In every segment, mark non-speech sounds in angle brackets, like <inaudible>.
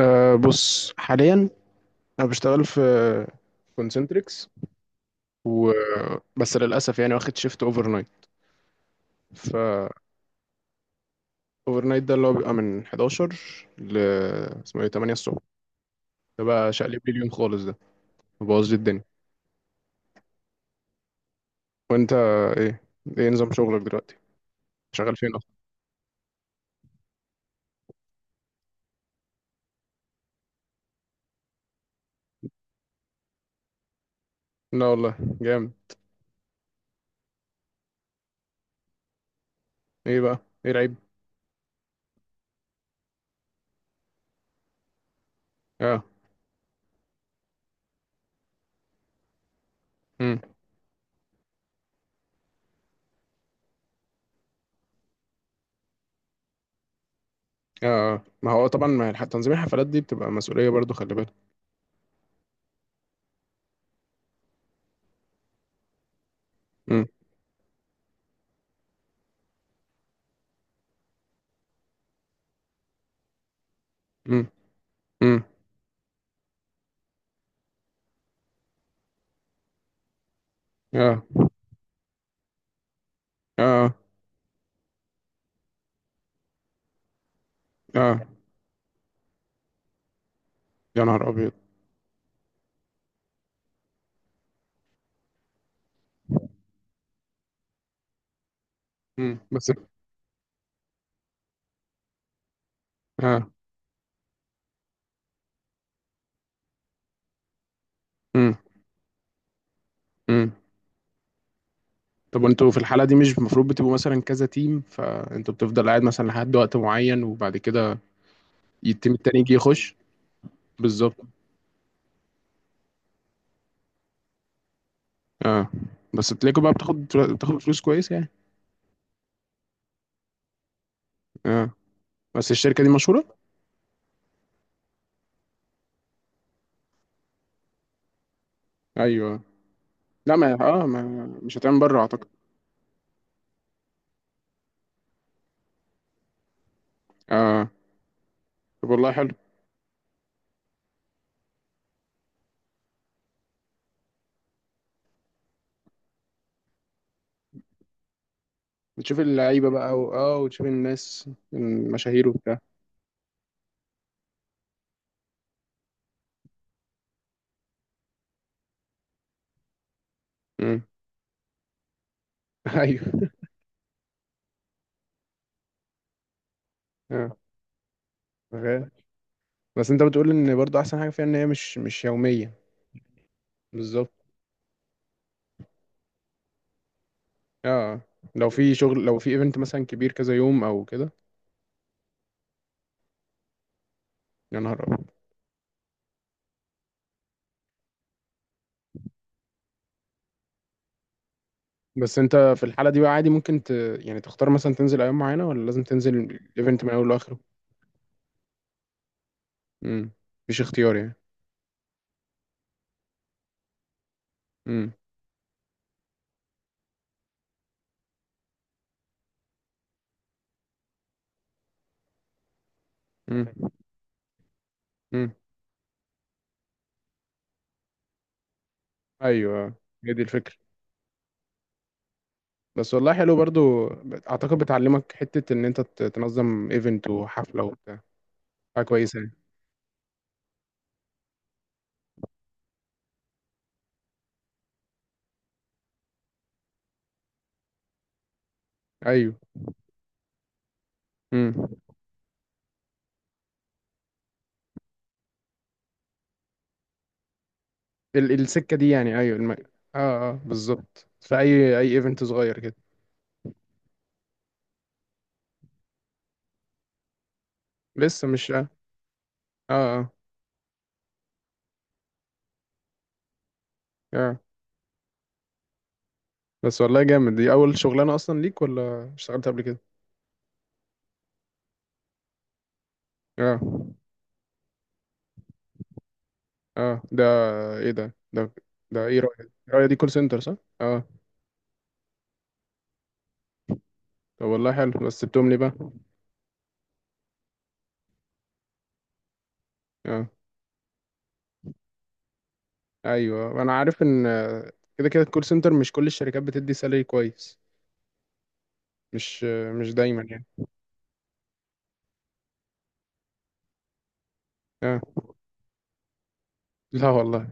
بص حاليا، انا بشتغل في كونسنتريكس و بس للاسف يعني واخد شيفت اوفر نايت. ف اوفر نايت ده اللي هو بيبقى من 11 ل اسمه ايه 8 الصبح. ده بقى شقلب لي اليوم خالص، ده مبوظ لي الدنيا. وانت، ايه ايه نظام شغلك دلوقتي؟ شغال فين اصلا؟ لا والله جامد. ايه بقى، ايه العيب؟ اه. امم. اه. آه. ما هو طبعا، ما الح- تنظيم الحفلات دي بتبقى مسؤوليه برضو، خلي بالك. امم. امم. امم. اه. اه. اه. يا نهار ابيض. مم. بس. اه. امم. امم. طب وانتوا في الحالة دي مش المفروض بتبقوا مثلا كذا تيم، فانتوا بتفضل قاعد مثلا لحد وقت معين، وبعد كده التيم التاني يجي يخش؟ بالظبط. اه، بس بتلاقوا بقى، بتاخد فلوس كويس يعني؟ اه، بس الشركة دي مشهورة؟ ايوه. لا ما مش هتعمل بره اعتقد. اه، طب والله حلو. بتشوف اللعيبة بقى و... اه وتشوف الناس المشاهير وبتاع. امم. <laughs> ايوه. اه. غير. بس انت بتقول ان برضو احسن حاجة فيها ان هي مش يومية؟ بالظبط. اه، لو في شغل، لو في ايفنت مثلا كبير كذا يوم او كده؟ يا نهار أبيض. بس انت في الحالة دي بقى عادي ممكن يعني تختار مثلا تنزل ايام معينة، ولا لازم تنزل الايفنت من اوله لاخره؟ امم، مفيش اختيار يعني. امم. امم. امم. ايوه. آه. هي دي الفكرة. بس والله حلو برضو. اعتقد بتعلمك حتة ان انت تنظم ايفنت وحفلة وبتاع، حاجة كويسة يعني. ايوه. امم. السكة دي يعني، ايوه، اه. اه، بالظبط، في اي ايفنت صغير كده. لسه مش، اه. اه. آه. بس والله جامد، دي اول شغلانه اصلا ليك ولا اشتغلت قبل كده؟ اه. اه. ده ايه ده، ده ايه رايك دي كول سنتر صح؟ اه. طب والله حلو، بس بتملي بقى؟ اه. ايوه، انا عارف ان آه، كده كده الكول سنتر مش كل الشركات بتدي سالري كويس. مش آه، مش دايما يعني. اه. لا والله.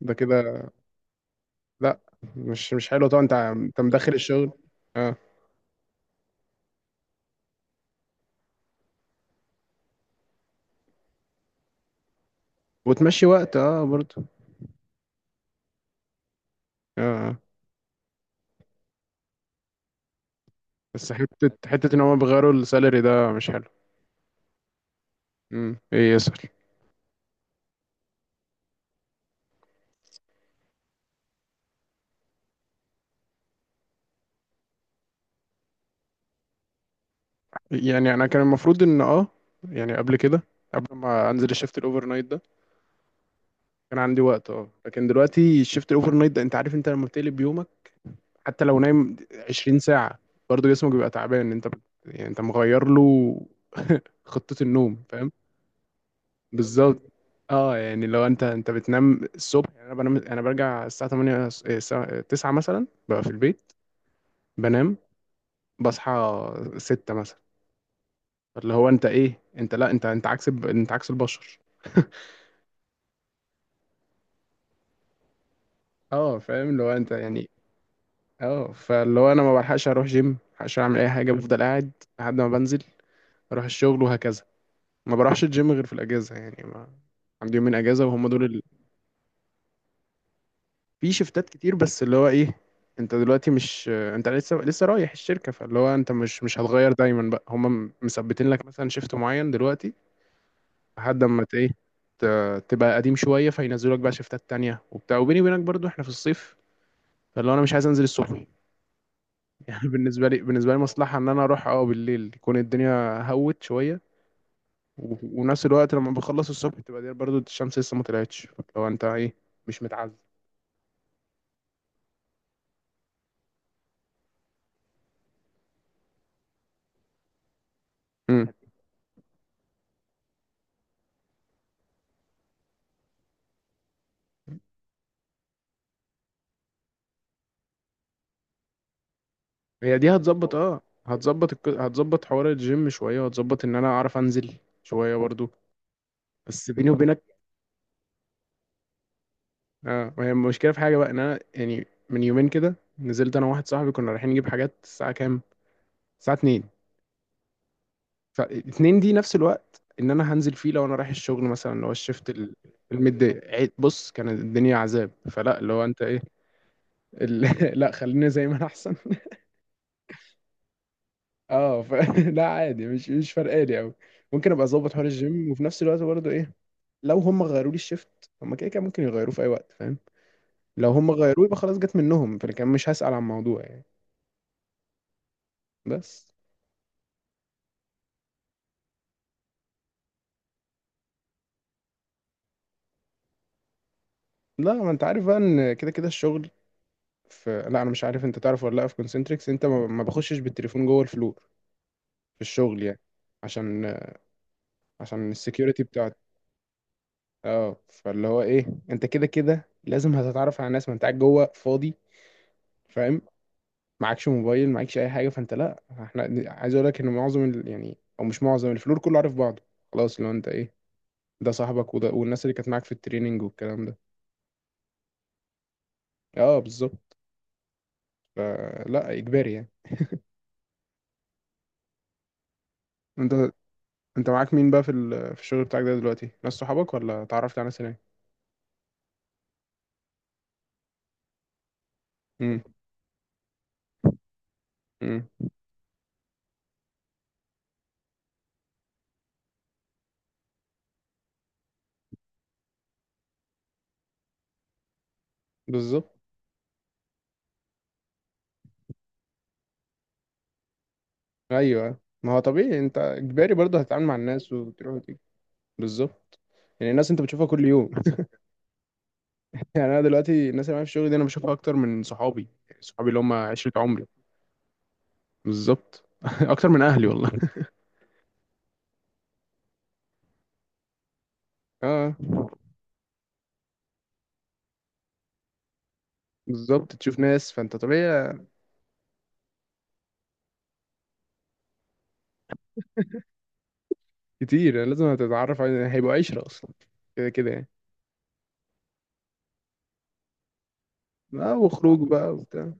ده كده، لا، مش حلو طبعا، انت مدخل الشغل. اه، وتمشي وقت، اه برضه. اه. آه. بس حته ان هم بيغيروا السالري ده مش حلو. امم. ايه يسأل؟ يعني انا كان المفروض ان اه، يعني قبل كده، قبل ما انزل الشيفت الاوفر نايت ده كان عندي وقت، اه. لكن دلوقتي الشيفت الاوفر نايت ده، انت عارف، انت لما بتقلب يومك حتى لو نايم 20 ساعة برضه جسمك بيبقى تعبان. انت يعني انت مغير له <laughs> خطة النوم، فاهم. بالظبط. اه، يعني لو انت بتنام الصبح يعني. انا بنام، انا برجع الساعة 8، الساعة 9 مثلا ببقى في البيت، بنام، بصحى 6 مثلا. اللي هو انت ايه، انت لا، انت عكس انت عكس البشر. <laughs> اه، فاهم اللي هو انت يعني. اه، فاللي هو انا ما بلحقش اروح جيم، ما بلحقش اعمل اي حاجه، بفضل قاعد لحد ما بنزل اروح الشغل وهكذا. ما بروحش الجيم غير في الاجازه، يعني ما عندي يومين اجازه وهم دول في شفتات كتير، بس اللي هو ايه، انت دلوقتي مش انت لسه رايح الشركه، فاللي هو انت مش هتغير دايما بقى، هم مثبتين لك مثلا شيفت معين دلوقتي لحد اما تبقى قديم شويه، فينزلوا لك بقى شيفتات تانية وبتاع. وبيني وبينك برضو احنا في الصيف، فاللي هو انا مش عايز انزل الصبح يعني. <laughs> بالنسبه لي مصلحه ان انا اروح اه بالليل، يكون الدنيا هوت شويه. و- ونفس الوقت لما بخلص الصبح تبقى دي برضو الشمس لسه ما طلعتش، لو انت ايه، مش متعذب. امم. هي دي هتظبط، هتظبط حوار الجيم شويه، وهتظبط ان انا اعرف انزل شويه برضو. بس بيني وبينك، اه، ما هي المشكله في حاجه بقى، ان انا يعني من يومين كده نزلت انا وواحد صاحبي كنا رايحين نجيب حاجات الساعه كام، الساعه 2. فاتنين دي نفس الوقت ان انا هنزل فيه لو انا رايح الشغل مثلا، اللي هو الشيفت الميداي، بص كانت الدنيا عذاب. فلا، اللي هو انت ايه، ال... <laughs> لا خلينا زي ما انا احسن. <laughs> اه، <laughs> لا عادي، مش فارقالي قوي. ممكن ابقى اظبط حوار الجيم، وفي نفس الوقت برضه ايه، لو هم غيروا لي الشيفت هم كده كده ممكن يغيروه في اي وقت، فاهم. لو هم غيروه يبقى خلاص جت منهم، فانا كان مش هسأل عن الموضوع يعني. بس. لا، ما انت عارف بقى ان كده كده الشغل. في، لا انا مش عارف انت تعرف ولا لا، في كونسنتريكس انت ما بخشش بالتليفون جوه الفلور في الشغل يعني، عشان عشان السكيورتي بتاعتي. اه، فاللي هو ايه، انت كده كده لازم هتتعرف على ناس ما انت قاعد جوه فاضي، فاهم. معكش موبايل، معكش اي حاجه، فانت لا، احنا عايز اقول لك ان معظم يعني او مش معظم، الفلور كله عارف بعضه. خلاص لو انت ايه، ده صاحبك وده، والناس اللي كانت معاك في التريننج والكلام ده. اه، بالظبط، فلا اجباري يعني. انت انت معاك مين بقى في في الشغل بتاعك ده دلوقتي؟ ناس صحابك، ولا اتعرفت على ناس هناك؟ امم. امم. بالظبط. ايوه، ما هو طبيعي، انت اجباري برضه هتتعامل مع الناس وتروح وتيجي. بالظبط، يعني الناس انت بتشوفها كل يوم. <laughs> يعني انا دلوقتي الناس اللي معايا في الشغل دي انا بشوفها اكتر من صحابي، يعني صحابي اللي هم عشرة عمري. بالظبط. <laughs> اكتر من اهلي والله. <laughs> اه، بالظبط، تشوف ناس، فانت طبيعي كتير، يعني لازم هتتعرف على هيبقوا عشرة اصلا كده كده يعني. اه، وخروج بقى وبتاع.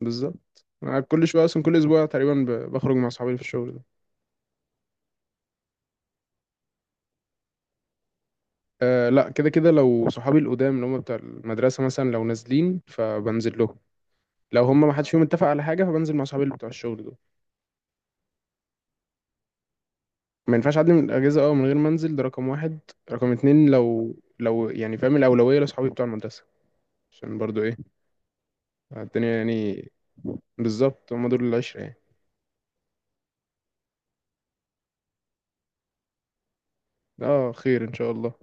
بالظبط، انا كل شويه اصلا كل اسبوع تقريبا بخرج مع صحابي في الشغل. أه، لا، كده كده لو صحابي القدام اللي هم بتوع المدرسة مثلا لو نازلين فبنزل لهم. لو هم ما حدش فيهم اتفق على حاجة فبنزل مع صحابي اللي بتوع الشغل دول. ما ينفعش أعدي من الأجازة اه من غير ما أنزل، ده رقم واحد. رقم اتنين، لو يعني فاهم، الأولوية لصحابي بتوع المدرسة عشان برضو إيه، الدنيا يعني. بالظبط، هم دول العشرة يعني. اه، خير إن شاء الله.